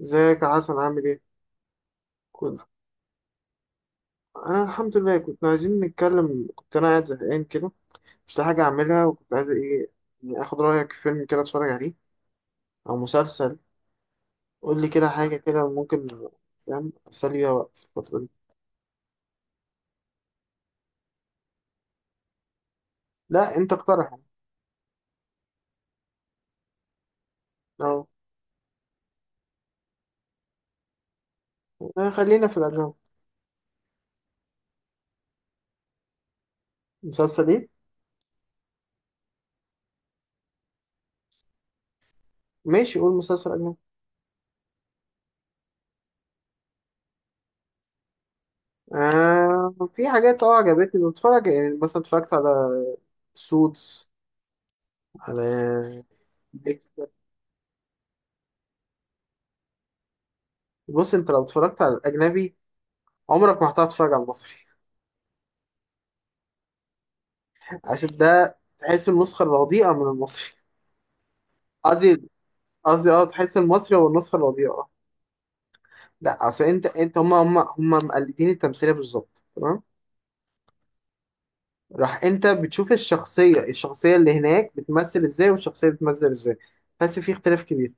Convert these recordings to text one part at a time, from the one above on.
ازيك يا حسن، عامل ايه؟ كنت انا الحمد لله، كنت عايزين نتكلم. كنت انا قاعد زهقان كده، مش لاقي حاجه اعملها، وكنت عايز ايه يعني، اخد رايك في فيلم كده اتفرج عليه او مسلسل. قول لي كده حاجه كده ممكن، فاهم، اسلي بيها وقت في الفتره دي. لا انت اقترح يعني. اه. آه، خلينا في الاجنبي. مسلسل ايه؟ ماشي، قول مسلسل اجنبي. آه، في حاجات عجبتني بتفرج يعني، مثلا اتفرجت على سوتس، على بيك- بص، انت لو اتفرجت على الاجنبي عمرك ما هتعرف تتفرج على المصري. عشان ده تحس النسخة الرديئة من المصري. قصدي قصدي تحس المصري هو النسخة الرديئة. لا اصل انت، هم مقلدين التمثيلية بالظبط تمام. راح انت بتشوف الشخصية، اللي هناك بتمثل ازاي والشخصية بتمثل ازاي، بس في اختلاف كبير.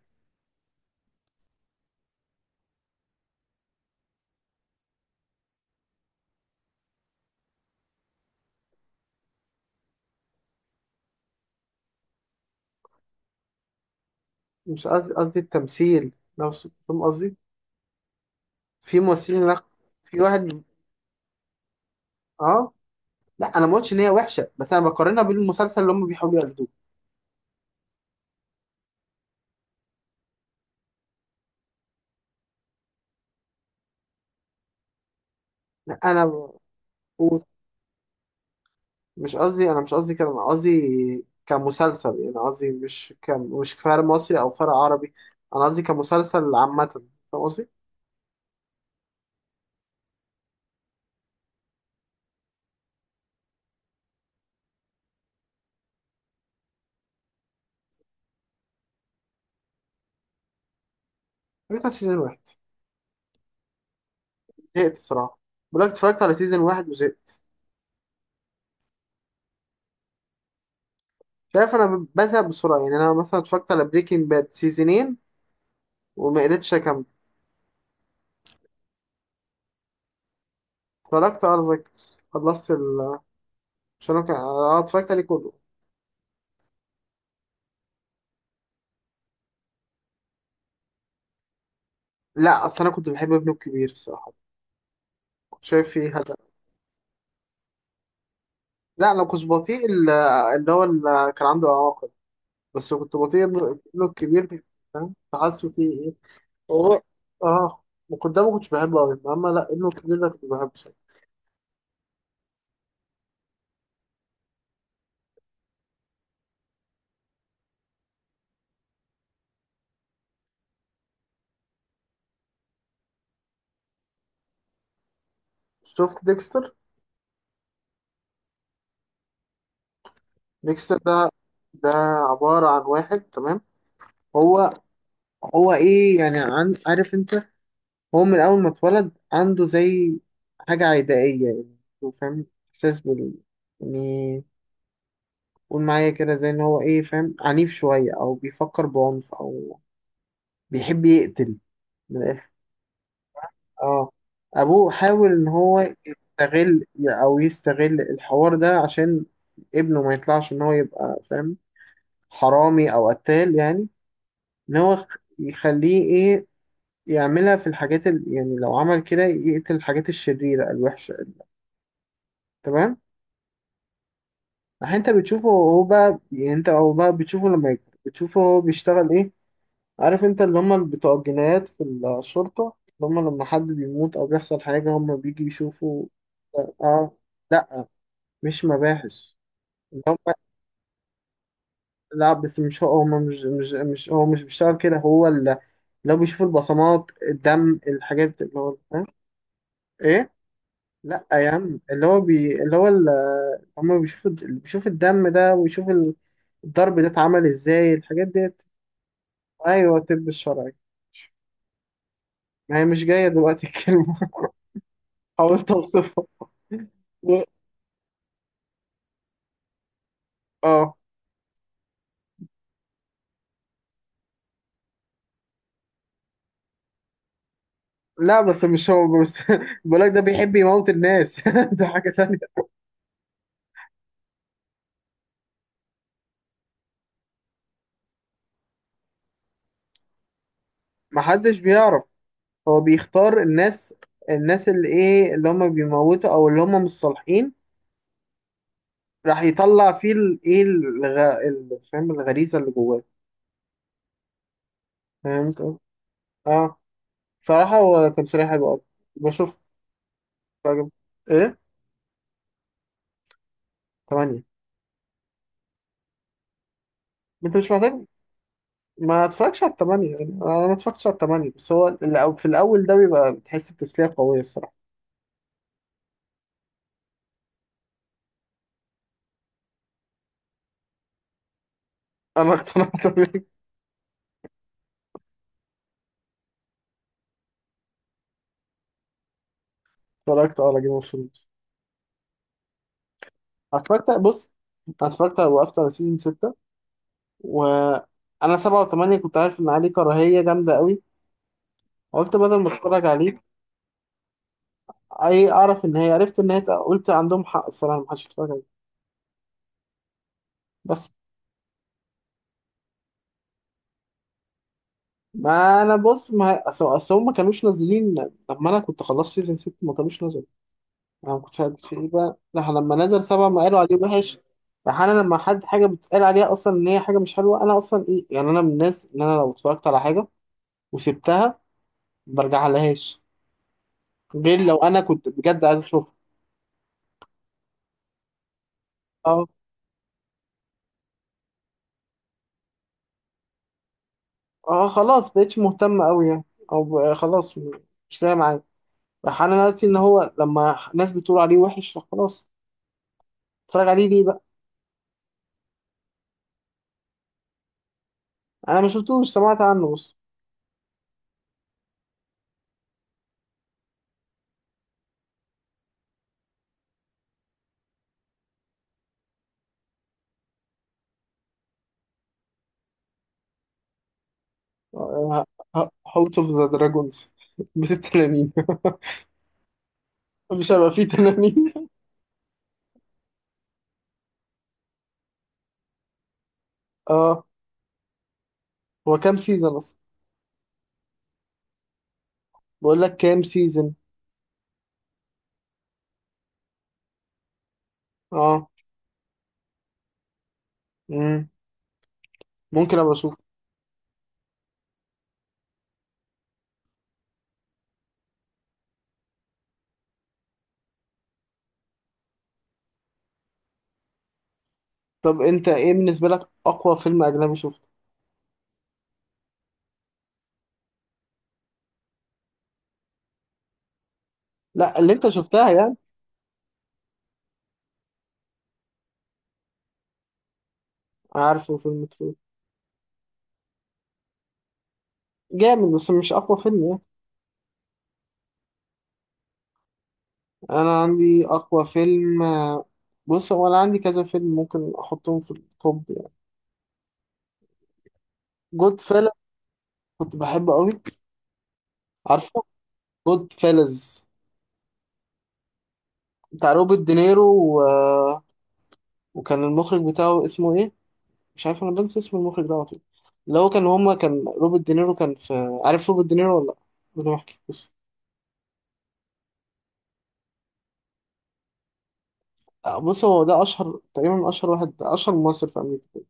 مش قصدي، قصدي التمثيل نفسه، فاهم قصدي؟ في ممثلين، لا، في واحد. اه لا، انا ما قلتش ان هي وحشة، بس انا بقارنها بالمسلسل اللي هم بيحاولوا يقلدوه. لا انا مش قصدي، انا مش قصدي كده، انا قصدي كمسلسل يعني، قصدي مش مش فرق مصري او فرق عربي، انا قصدي كمسلسل عامة. فاهم قصدي؟ اتفرجت على سيزون واحد. زهقت الصراحة. بقول لك اتفرجت على سيزون واحد وزهقت. شايف، انا بزهق بسرعة يعني، انا مثلا اتفرجت على بريكنج باد سيزونين وما قدرتش اكمل. اتفرجت على فايكنجز، خلصت ال مش انا كان- اه اتفرجت عليه كله. لا اصل انا كنت بحب ابنه الكبير الصراحة، كنت شايف فيه هدف. لا انا كنت بطيء، اللي هو اللي كان عنده اعاقة، بس كنت بطيء ابنه، الكبير، فاهم، حاسه فيه ايه. هو، اه وقدامه ما كنتش بحبه قوي، اما لا، ابنه الكبير ده كنت بحبه صراحة. شفت ديكستر؟ ديكستر ده، ده عبارة عن واحد، تمام؟ هو هو ايه يعني، عن، عارف انت، هو من اول ما اتولد عنده زي حاجة عدائية يعني. هو فاهم احساس يعني. قول معايا كده زي ان هو ايه، فاهم، عنيف شوية او بيفكر بعنف او بيحب يقتل من الآخر. اه. ابوه حاول ان هو يستغل او يستغل الحوار ده عشان ابنه ما يطلعش ان هو يبقى فاهم، حرامي او قتال يعني. ان هو يخليه ايه، يعملها في الحاجات. يعني لو عمل كده يقتل الحاجات الشريرة الوحشة، تمام. راح انت بتشوفه هو بقى يعني، انت او بقى بتشوفه لما يكبر، بتشوفه هو بيشتغل ايه، عارف انت اللي هم بتوع الجنايات في الشرطة، اللي هم لما حد بيموت او بيحصل حاجة هم بيجي يشوفوا. اه. مش مباحث. اللي هم لا، بس مش هو، هم مش هو مش بيشتغل كده، هو اللي لو بيشوف البصمات، الدم، الحاجات، اللي هو، فاهم؟ ايه. لا يا عم، اللي هو اللي هو هم بيشوفوا، اللي بيشوف الدم ده ويشوف الضرب ده اتعمل ازاي، الحاجات ديت. ايوه، الطب الشرعي. ما هي مش جايه دلوقتي الكلمه. حاولت اوصفها. اه. لا، بس مش هو بس. بقولك ده بيحب يموت الناس. ده حاجه تانية. محدش بيعرف. هو بيختار الناس، اللي ايه، اللي هم بيموتوا او اللي هم مش صالحين. راح يطلع فيه الايه، فاهم، الغريزه اللي جواه. فهمت. اه. صراحه هو تمثيليه حلو قوي، بشوف، راجل، ايه، تمانية. انت مش محتاج ما اتفرجش على التمانية يعني، انا ما اتفرجتش على التمانية، بس هو في الاول ده بيبقى بتحس بتسلية قوية الصراحة. انا اقتنعت بيه. اتفرجت على جيم اوف ثرونز. اتفرجت، بص، أنا اتفرجت على وقفت على سيزون ستة، وانا سبعة وثمانية كنت عارف ان عليه كراهية جامدة قوي، قلت بدل ما اتفرج عليه. اي، اعرف ان هي، عرفت ان هي، قلت عندهم حق الصراحة، ما حدش يتفرج عليه. بس. ما انا بص، ما اصل، هم ما كانوش نازلين. لما انا كنت خلصت سيزون 6 ما كانوش نزلوا. انا ما كنتش عارف في ايه بقى، راح لما نزل سبعة ما قالوا عليه وحش. راح انا، لما حد حاجة بتقال عليها اصلا ان هي حاجة مش حلوة، انا اصلا ايه يعني، انا من الناس ان انا لو اتفرجت على حاجة وسبتها ما برجع لهاش، غير لو انا كنت بجد عايز اشوفها. اه، خلاص بقتش مهتمة أوي يعني، أو بقى خلاص مش لاقي معايا. راح أنا دلوقتي إن هو لما ناس بتقول عليه وحش، راح خلاص، اتفرج عليه ليه بقى. أنا ما شفتوش، سمعت عنه بس. هاوس اوف ذا دراجونز. بيت التنانين. مش هيبقى فيه تنانين. اه. هو كام سيزون أصلا؟ بقول لك، كام سيزون؟ اه. مم. ممكن أبقى أشوف. طب أنت إيه بالنسبة لك أقوى فيلم أجنبي شفته؟ لا، اللي أنت شفتها يعني. عارفه فيلم ترو. جامد بس مش أقوى فيلم يعني. انا عندي اقوى فيلم، بص، هو انا عندي كذا فيلم ممكن احطهم في التوب يعني. جود فيلز، كنت بحبه قوي. عارفه جود فيلز؟ بتاع روبرت دينيرو و... وكان المخرج بتاعه اسمه ايه، مش عارف، انا بنسى اسم المخرج ده على طول. اللي هو كان، هما كان روبرت دينيرو كان في، عارف روبرت دينيرو ولا لا؟ بدون ما احكي، بص، بص هو ده اشهر تقريبا، اشهر واحد، اشهر ممثل في امريكا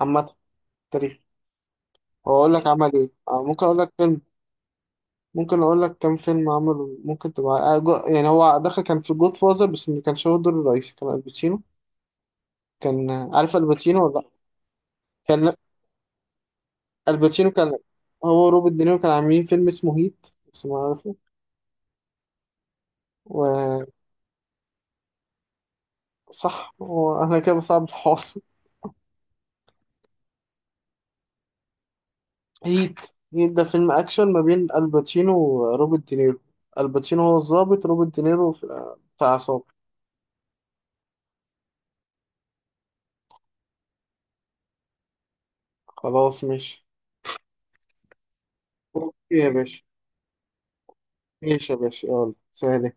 عامه في التاريخ. هو اقول لك عمل ايه، ممكن اقول لك فيلم، ممكن اقول لك كام فيلم عمله ممكن تبقى، يعني هو دخل كان في جود فازر بس ما كانش هو الدور الرئيسي، كان الباتشينو. كان، عارف الباتشينو ولا لا؟ كان الباتشينو. هو روبرت دينيرو كان عاملين فيلم اسمه هيت، بس ما عارفه. وصح، هو انا كده بصعب الحوار. هيت، هيت ده فيلم اكشن ما بين الباتشينو وروبرت دينيرو. الباتشينو هو الضابط، روبرت دينيرو بتاع عصابة. خلاص ماشي. اوكي يا باشا. ماشي يا باشا، يلا سلام.